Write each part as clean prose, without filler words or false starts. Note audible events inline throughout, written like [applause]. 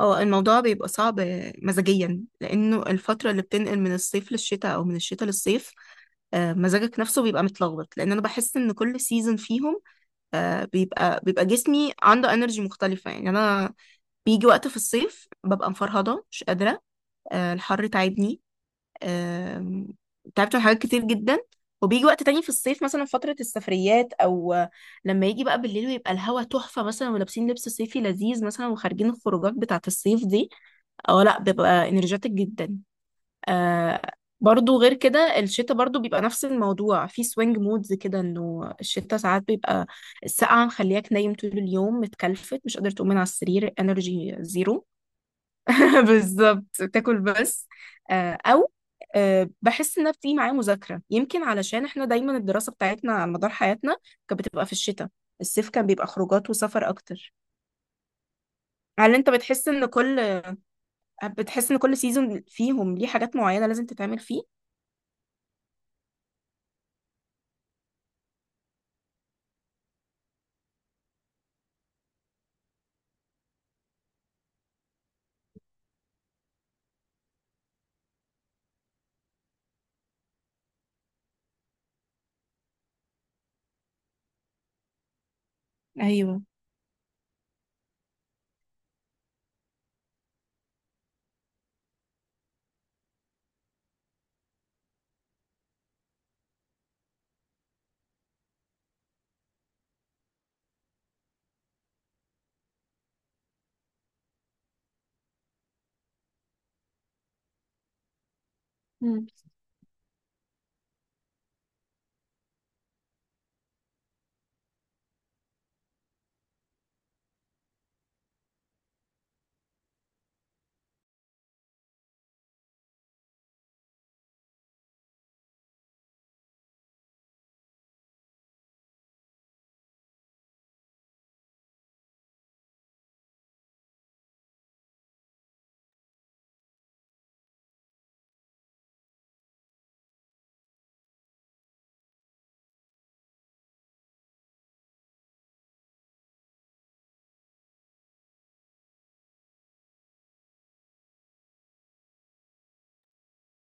اه الموضوع بيبقى صعب، مزاجيا لانه الفتره اللي بتنقل من الصيف للشتاء او من الشتاء للصيف. مزاجك نفسه بيبقى متلخبط لان انا بحس ان كل سيزون فيهم بيبقى جسمي عنده انرجي مختلفه. يعني انا بيجي وقت في الصيف ببقى مفرهده مش قادره، الحر تعبني. آم، تعبت من حاجات كتير جدا. وبيجي وقت تاني في الصيف، مثلا فترة السفريات، أو لما يجي بقى بالليل ويبقى الهوا تحفة مثلا ولابسين لبس صيفي لذيذ مثلا وخارجين الخروجات بتاعة الصيف دي، اه لا ببقى انرجيتك جدا. آه، برضو غير كده الشتاء برضو بيبقى نفس الموضوع، في سوينج مودز كده، انه الشتاء ساعات بيبقى السقعة مخلياك نايم طول اليوم متكلفت مش قادر تقوم من على السرير، انرجي زيرو. [laughs] بالظبط، تاكل بس. آه، او آه، بحس انها بتيجي معايا مذاكره، يمكن علشان احنا دايما الدراسه بتاعتنا على مدار حياتنا كانت بتبقى في الشتاء، الصيف كان بيبقى خروجات وسفر اكتر. هل انت بتحس ان كل بتحس ان كل سيزون فيهم ليه حاجات معينه لازم تتعمل فيه؟ ايوه. مم.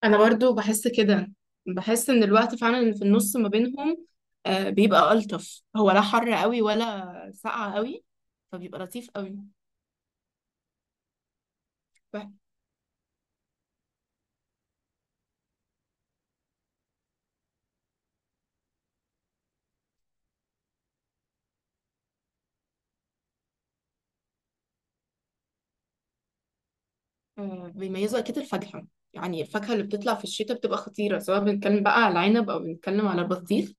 انا برضو بحس كده، بحس ان الوقت فعلا اللي في النص ما بينهم بيبقى الطف، هو لا حر قوي ولا ساقع قوي، فبيبقى لطيف قوي. بيميزوا اكيد الفاكهه، يعني الفاكهه اللي بتطلع في الشتاء بتبقى خطيره، سواء بنتكلم بقى على العنب او بنتكلم على البطيخ.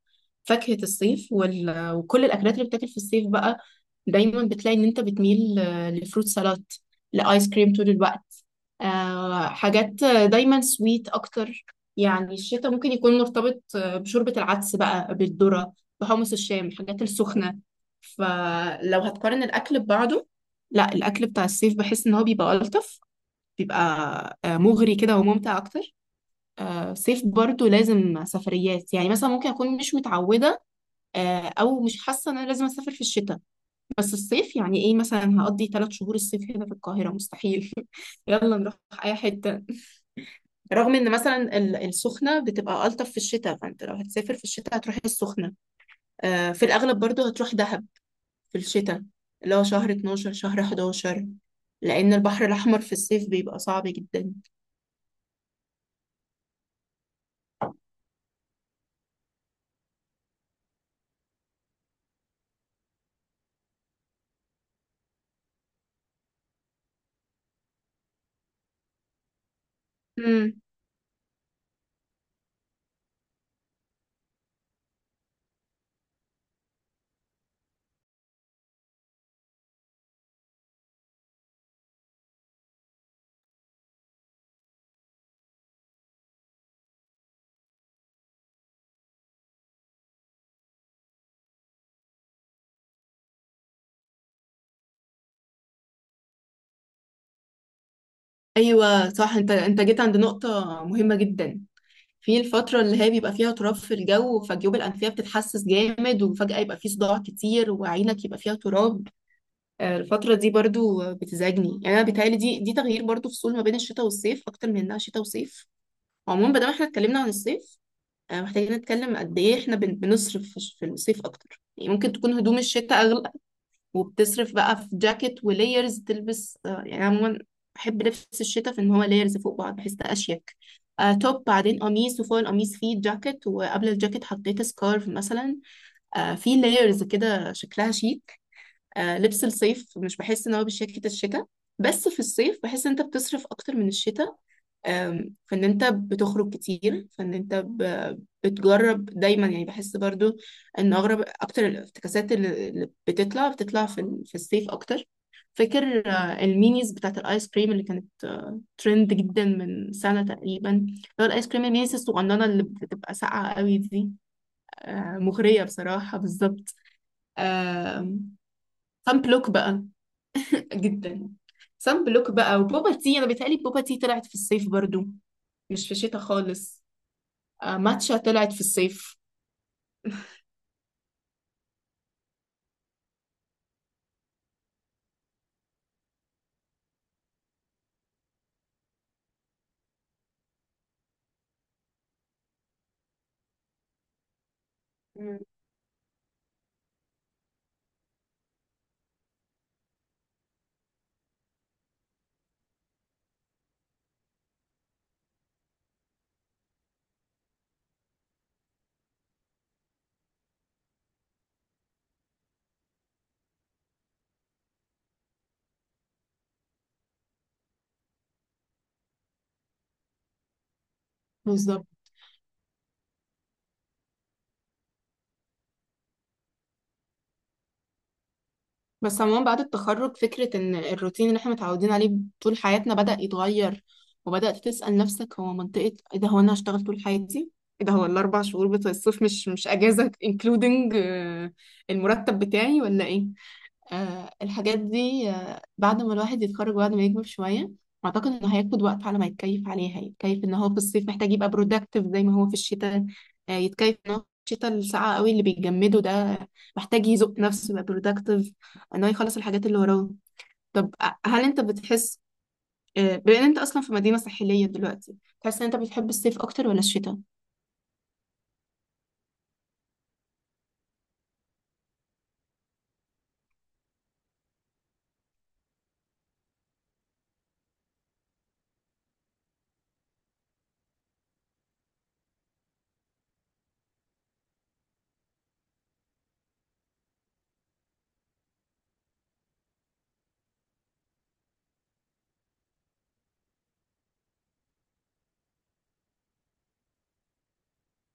فاكهه الصيف وال... وكل الاكلات اللي بتاكل في الصيف بقى، دايما بتلاقي ان انت بتميل لفروت سلطات، لايس كريم طول الوقت، حاجات دايما سويت اكتر. يعني الشتاء ممكن يكون مرتبط بشوربه العدس بقى، بالذره، بحمص الشام، الحاجات السخنه. فلو هتقارن الاكل ببعضه، لا الاكل بتاع الصيف بحس ان هو بيبقى الطف، بيبقى مغري كده وممتع اكتر. آه، صيف برضو لازم سفريات، يعني مثلا ممكن اكون مش متعوده آه، او مش حاسه ان انا لازم اسافر في الشتاء، بس الصيف يعني ايه مثلا، هقضي ثلاث شهور الصيف هنا في القاهره؟ مستحيل. [laughs] يلا نروح اي حته. رغم ان مثلا ال- السخنه بتبقى الطف في الشتاء، فانت لو هتسافر في الشتاء هتروح السخنه، في الاغلب، برضو هتروح دهب في الشتاء، اللي هو شهر 12 شهر 11، لان البحر الاحمر في الصيف بيبقى صعب جدا. ايوه صح، انت جيت عند نقطه مهمه جدا، في الفتره اللي هي بيبقى فيها تراب في الجو، فجيوب الانفيه بتتحسس جامد وفجاه يبقى في صداع كتير وعينك يبقى فيها تراب. الفتره دي برضو بتزعجني، يعني انا بيتهيألي دي تغيير برضو فصول ما بين الشتاء والصيف، اكتر من انها شتاء وصيف. عموما بدل ما احنا اتكلمنا عن الصيف، محتاجين نتكلم قد ايه احنا بن- بنصرف في الصيف اكتر. يعني ممكن تكون هدوم الشتاء وبتصرف بقى في جاكيت وليرز تلبس، يعني عموما بحب لبس الشتاء في ان هو ليرز فوق بعض، بحس ده اشيك. توب بعدين قميص وفوق القميص فيه جاكيت وقبل الجاكيت حطيت سكارف مثلا، في لايرز كده شكلها شيك. لبس الصيف مش بحس ان هو بشياكة الشتاء، بس في الصيف بحس ان انت بتصرف اكتر من الشتاء. فان انت بتخرج كتير، فان انت ب- بتجرب دايما. يعني بحس برضو ان اغرب اكتر الافتكاسات اللي بتطلع في ال- في الصيف اكتر. فاكر المينيز بتاعت الايس كريم اللي كانت ترند جدا من سنة تقريبا، اللي هو الايس كريم المينيز الصغننة اللي بتبقى ساقعة قوي دي، مغرية بصراحة، بالظبط. سان بلوك بقى جدا، سان بلوك بقى وبوبا تي. انا بيتهيألي بوبا تي طلعت في الصيف برضو، مش في الشتاء خالص. ماتشا طلعت في الصيف. مم. بالظبط. بس عموما بعد التخرج، فكرة ان الروتين اللي احنا متعودين عليه طول حياتنا بدأ يتغير، وبدأت تسأل نفسك هو منطقة ايه ده، هو انا هشتغل طول حياتي؟ ايه ده، هو الاربع شهور بتوع الصيف مش اجازة including المرتب بتاعي ولا ايه؟ الحاجات دي بعد ما الواحد يتخرج وبعد ما يكبر شوية، أعتقد إنه هياخد وقت على ما يتكيف عليها. يتكيف إن هو في الصيف محتاج يبقى برودكتيف زي ما هو في الشتاء، يتكيف إن هو في الشتاء الساقعة قوي اللي بيجمده ده محتاج يزق نفسه يبقى برودكتيف، إن هو يخلص الحاجات اللي وراه. طب أ- هل أنت بتحس، بما إن أنت أصلا في مدينة ساحلية دلوقتي، تحس إن أنت بتحب الصيف أكتر ولا الشتاء؟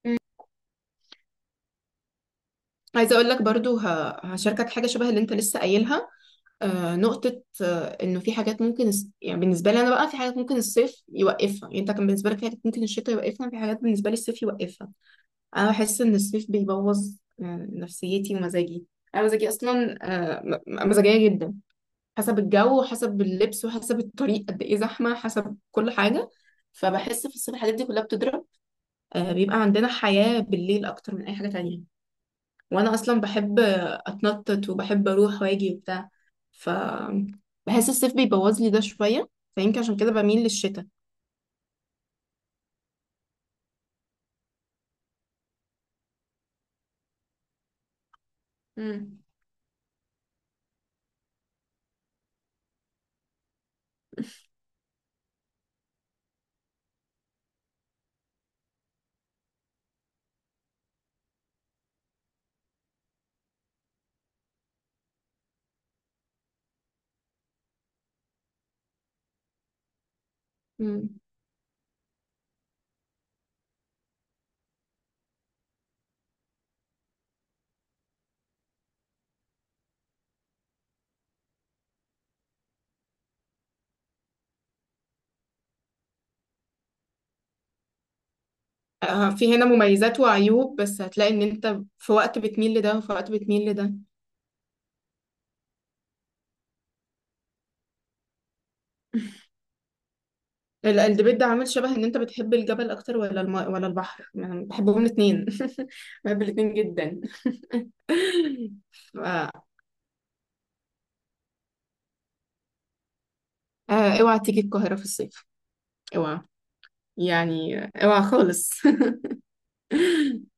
مم. عايزة أقول لك برضو، ه- هشاركك حاجة شبه اللي أنت لسه قايلها. نقطة إنه في حاجات ممكن الس-، يعني بالنسبة لي أنا بقى في حاجات ممكن الصيف يوقفها. يعني أنت كان بالنسبة لك في حاجات ممكن الشتاء يوقفها، في حاجات بالنسبة لي الصيف يوقفها. أنا بحس إن الصيف بيبوظ نفسيتي ومزاجي. أنا مزاجي أصلا آه، م- م- مزاجية جدا، حسب الجو وحسب اللبس وحسب الطريق قد إيه زحمة، حسب كل حاجة. فبحس في الصيف الحاجات دي كلها بتضرب. بيبقى عندنا حياة بالليل أكتر من أي حاجة تانية، وانا اصلا بحب اتنطط وبحب اروح واجي وبتاع، ف بحس الصيف بيبوظ لي ده شويه، فيمكن عشان كده بميل للشتاء. مم. مم. في هنا مميزات وعيوب، بس هتلاقي ان انت في وقت بتميل لده وفي وقت بتميل لده. ال- الديبيت ده عامل شبه ان انت بتحب الجبل اكتر ولا الماء ولا البحر، يعني أنا بحبهم الاثنين، [laughs] بحب الاثنين جدا. [laughs] ف... اوعى تيجي القاهرة في الصيف، اوعى، يعني اوعى خالص. [laughs]